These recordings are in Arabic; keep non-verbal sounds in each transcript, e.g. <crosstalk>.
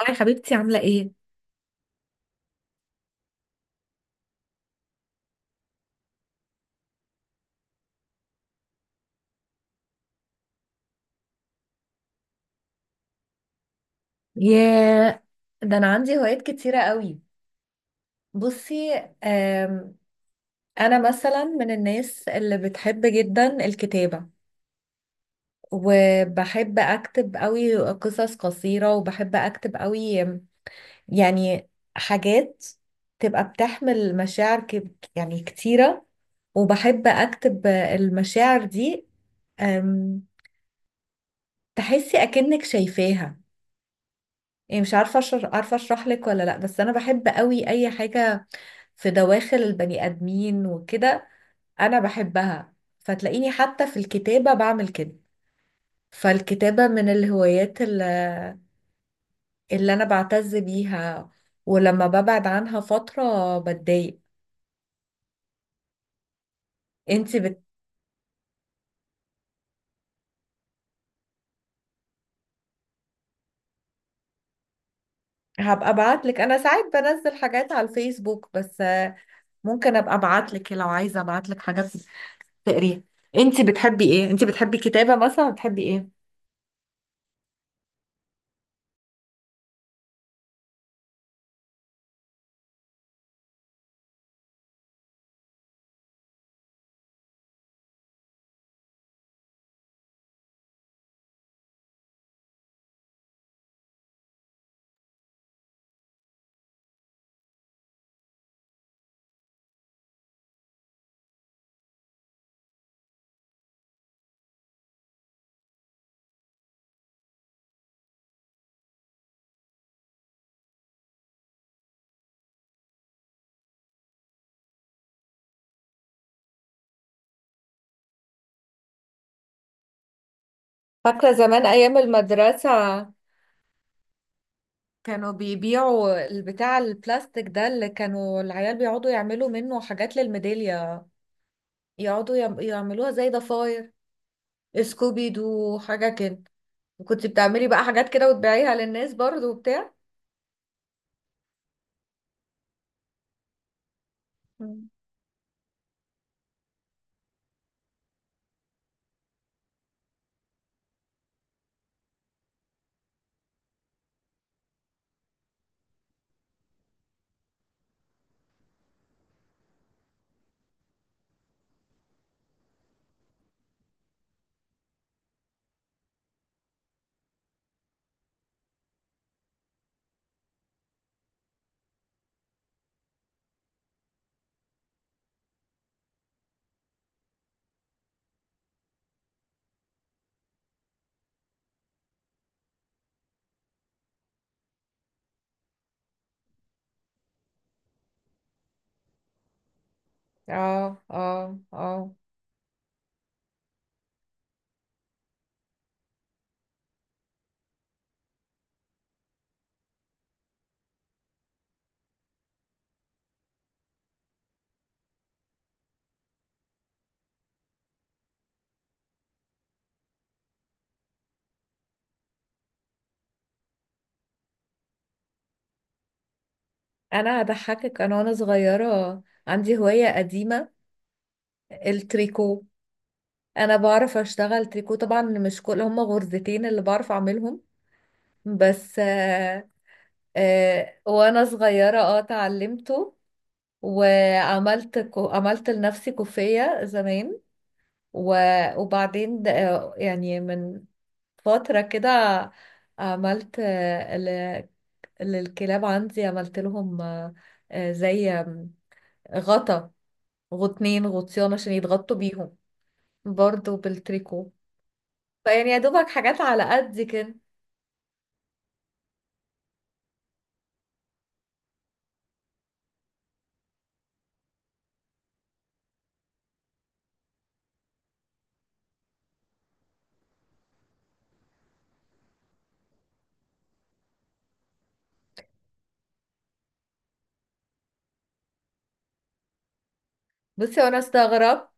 هاي حبيبتي عاملة ايه؟ ياه، ده انا عندي هوايات كتيرة قوي. بصي. آم، انا مثلا من الناس اللي بتحب جدا الكتابة، وبحب اكتب قوي قصص قصيرة، وبحب اكتب قوي يعني حاجات تبقى بتحمل مشاعر يعني كتيرة، وبحب اكتب المشاعر دي. آم، تحسي اكنك شايفاها. يعني مش عارفة عارفة اشرح لك ولا لا، بس انا بحب قوي اي حاجة في دواخل البني آدمين وكده. أنا بحبها، فتلاقيني حتى في الكتابة بعمل كده. فالكتابة من الهوايات اللي أنا بعتز بيها، ولما ببعد عنها فترة بتضايق. انتي بت... هبقى ابعتلك. انا ساعات بنزل حاجات على الفيسبوك، بس ممكن ابقى ابعتلك لو عايزه ابعتلك حاجات تقريها. انتي بتحبي ايه؟ انتي بتحبي كتابه مثلا، بتحبي ايه؟ فاكره زمان ايام المدرسه كانوا بيبيعوا البتاع البلاستيك ده اللي كانوا العيال بيقعدوا يعملوا منه حاجات للميدالية، يقعدوا يعملوها زي ضفاير، سكوبي دو حاجة كده. وكنت بتعملي بقى حاجات كده وتبيعيها للناس برضو وبتاع. مم. اه، اه، اه. انا هضحكك، انا وانا صغيرة عندي هواية قديمة: التريكو. انا بعرف اشتغل تريكو طبعا، مش كل هم غرزتين اللي بعرف اعملهم، بس وانا صغيرة اتعلمته. عملت لنفسي كوفية زمان. و... وبعدين يعني من فترة كده عملت للكلاب، عندي عملت لهم زي غطا غطنين غطيان عشان يتغطوا بيهم، برضو بالتريكو. فيعني يا دوبك حاجات على قد كده. بصي، وانا استغربت.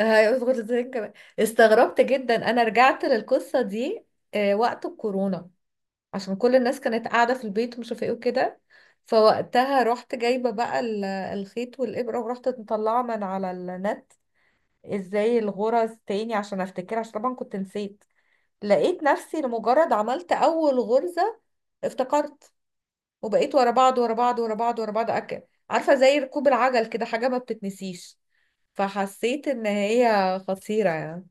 آه، هيظبط ازاي كمان. استغربت جدا، انا رجعت للقصة دي وقت الكورونا، عشان كل الناس كانت قاعدة في البيت ومش عارفة ايه وكده. فوقتها رحت جايبة بقى الخيط والإبرة، ورحت مطلعة من على النت ازاي الغرز تاني عشان افتكر، عشان طبعا كنت نسيت. لقيت نفسي لمجرد عملت أول غرزة افتكرت، وبقيت ورا بعض ورا بعض ورا بعض ورا بعض أكل. عارفة زي ركوب العجل كده، حاجة ما بتتنسيش. فحسيت إن هي خطيرة يعني.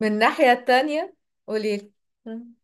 من الناحية التانية قوليلي. مم.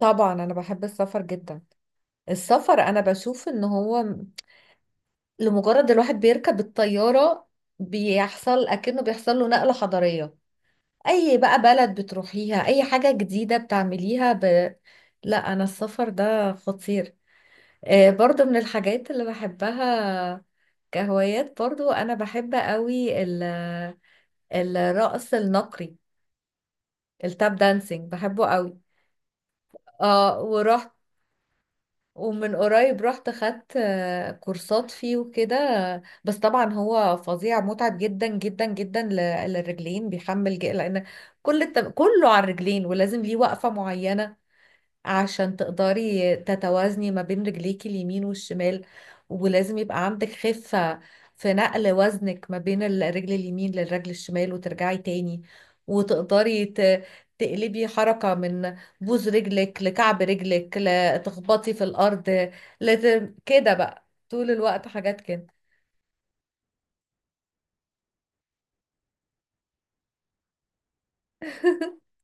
طبعا أنا بحب السفر جدا. السفر انا بشوف ان هو لمجرد الواحد بيركب الطيارة بيحصل اكنه بيحصل له نقلة حضارية. اي بقى بلد بتروحيها، اي حاجة جديدة بتعمليها لا، انا السفر ده خطير، برضو من الحاجات اللي بحبها كهوايات. برضو انا بحب قوي الرقص النقري، التاب دانسينج، بحبه قوي. اه، ورحت، ومن قريب رحت خدت كورسات فيه وكده. بس طبعا هو فظيع، متعب جدا جدا جدا للرجلين، بيحمل لان كله على الرجلين، ولازم ليه وقفة معينة عشان تقدري تتوازني ما بين رجليكي اليمين والشمال. ولازم يبقى عندك خفة في نقل وزنك ما بين الرجل اليمين للرجل الشمال، وترجعي تاني، وتقدري تقلبي حركة من بوز رجلك لكعب رجلك لتخبطي في الأرض. لازم كده بقى طول الوقت حاجات كده. <laughs>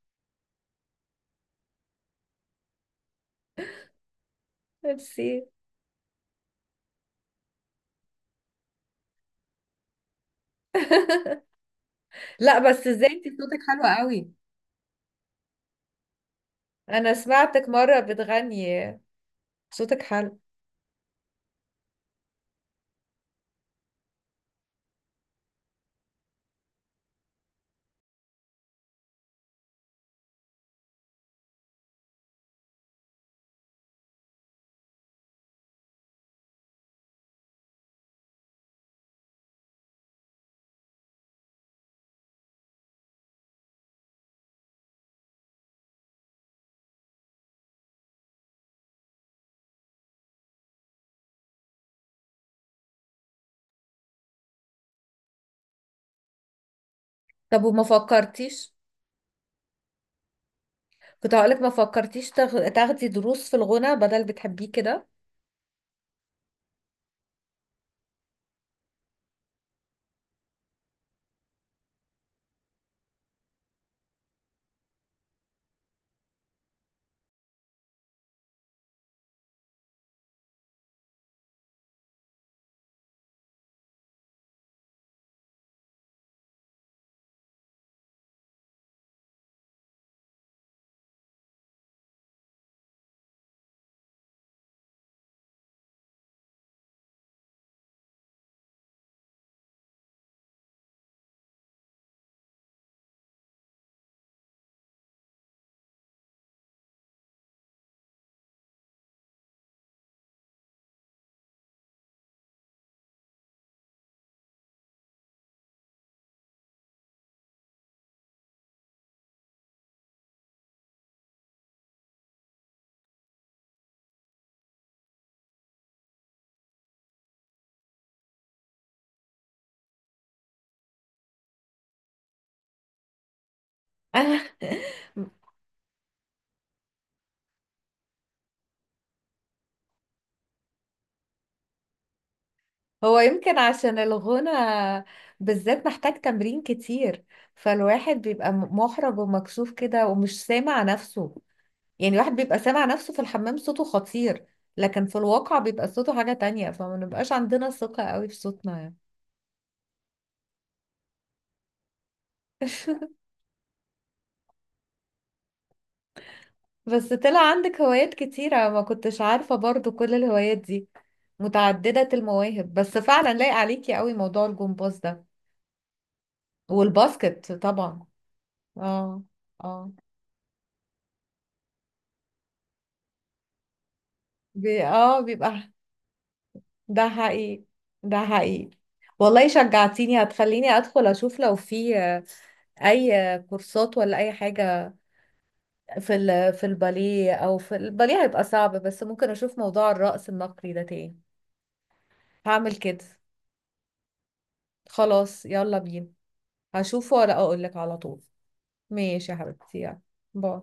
ميرسي. لا بس ازاي؟ انت صوتك حلو قوي. انا سمعتك مرة بتغني، صوتك حلو. طب وما فكرتيش؟ كنت هقولك ما فكرتيش تاخدي دروس في الغنى بدل بتحبيه كده. <laughs> هو يمكن عشان الغنى بالذات محتاج تمرين كتير، فالواحد بيبقى محرج ومكسوف كده ومش سامع نفسه. يعني الواحد بيبقى سامع نفسه في الحمام صوته خطير، لكن في الواقع بيبقى صوته حاجة تانية، فما نبقاش عندنا ثقة قوي في صوتنا يعني. <laughs> بس طلع عندك هوايات كتيرة، ما كنتش عارفة برضو كل الهوايات دي. متعددة المواهب. بس فعلا لايق عليكي قوي موضوع الجمباز ده، والباسكت طبعا. اه، اه، بي اه بيبقى. ده حقيقي، ده حقيقي. والله شجعتيني، هتخليني ادخل اشوف لو في اي كورسات ولا اي حاجة في في الباليه، او في الباليه هيبقى صعب، بس ممكن اشوف موضوع الرقص النقري ده تاني. هعمل كده. خلاص يلا بينا. هشوفه ولا اقول لك على طول؟ ماشي يا حبيبتي، يلا. باي.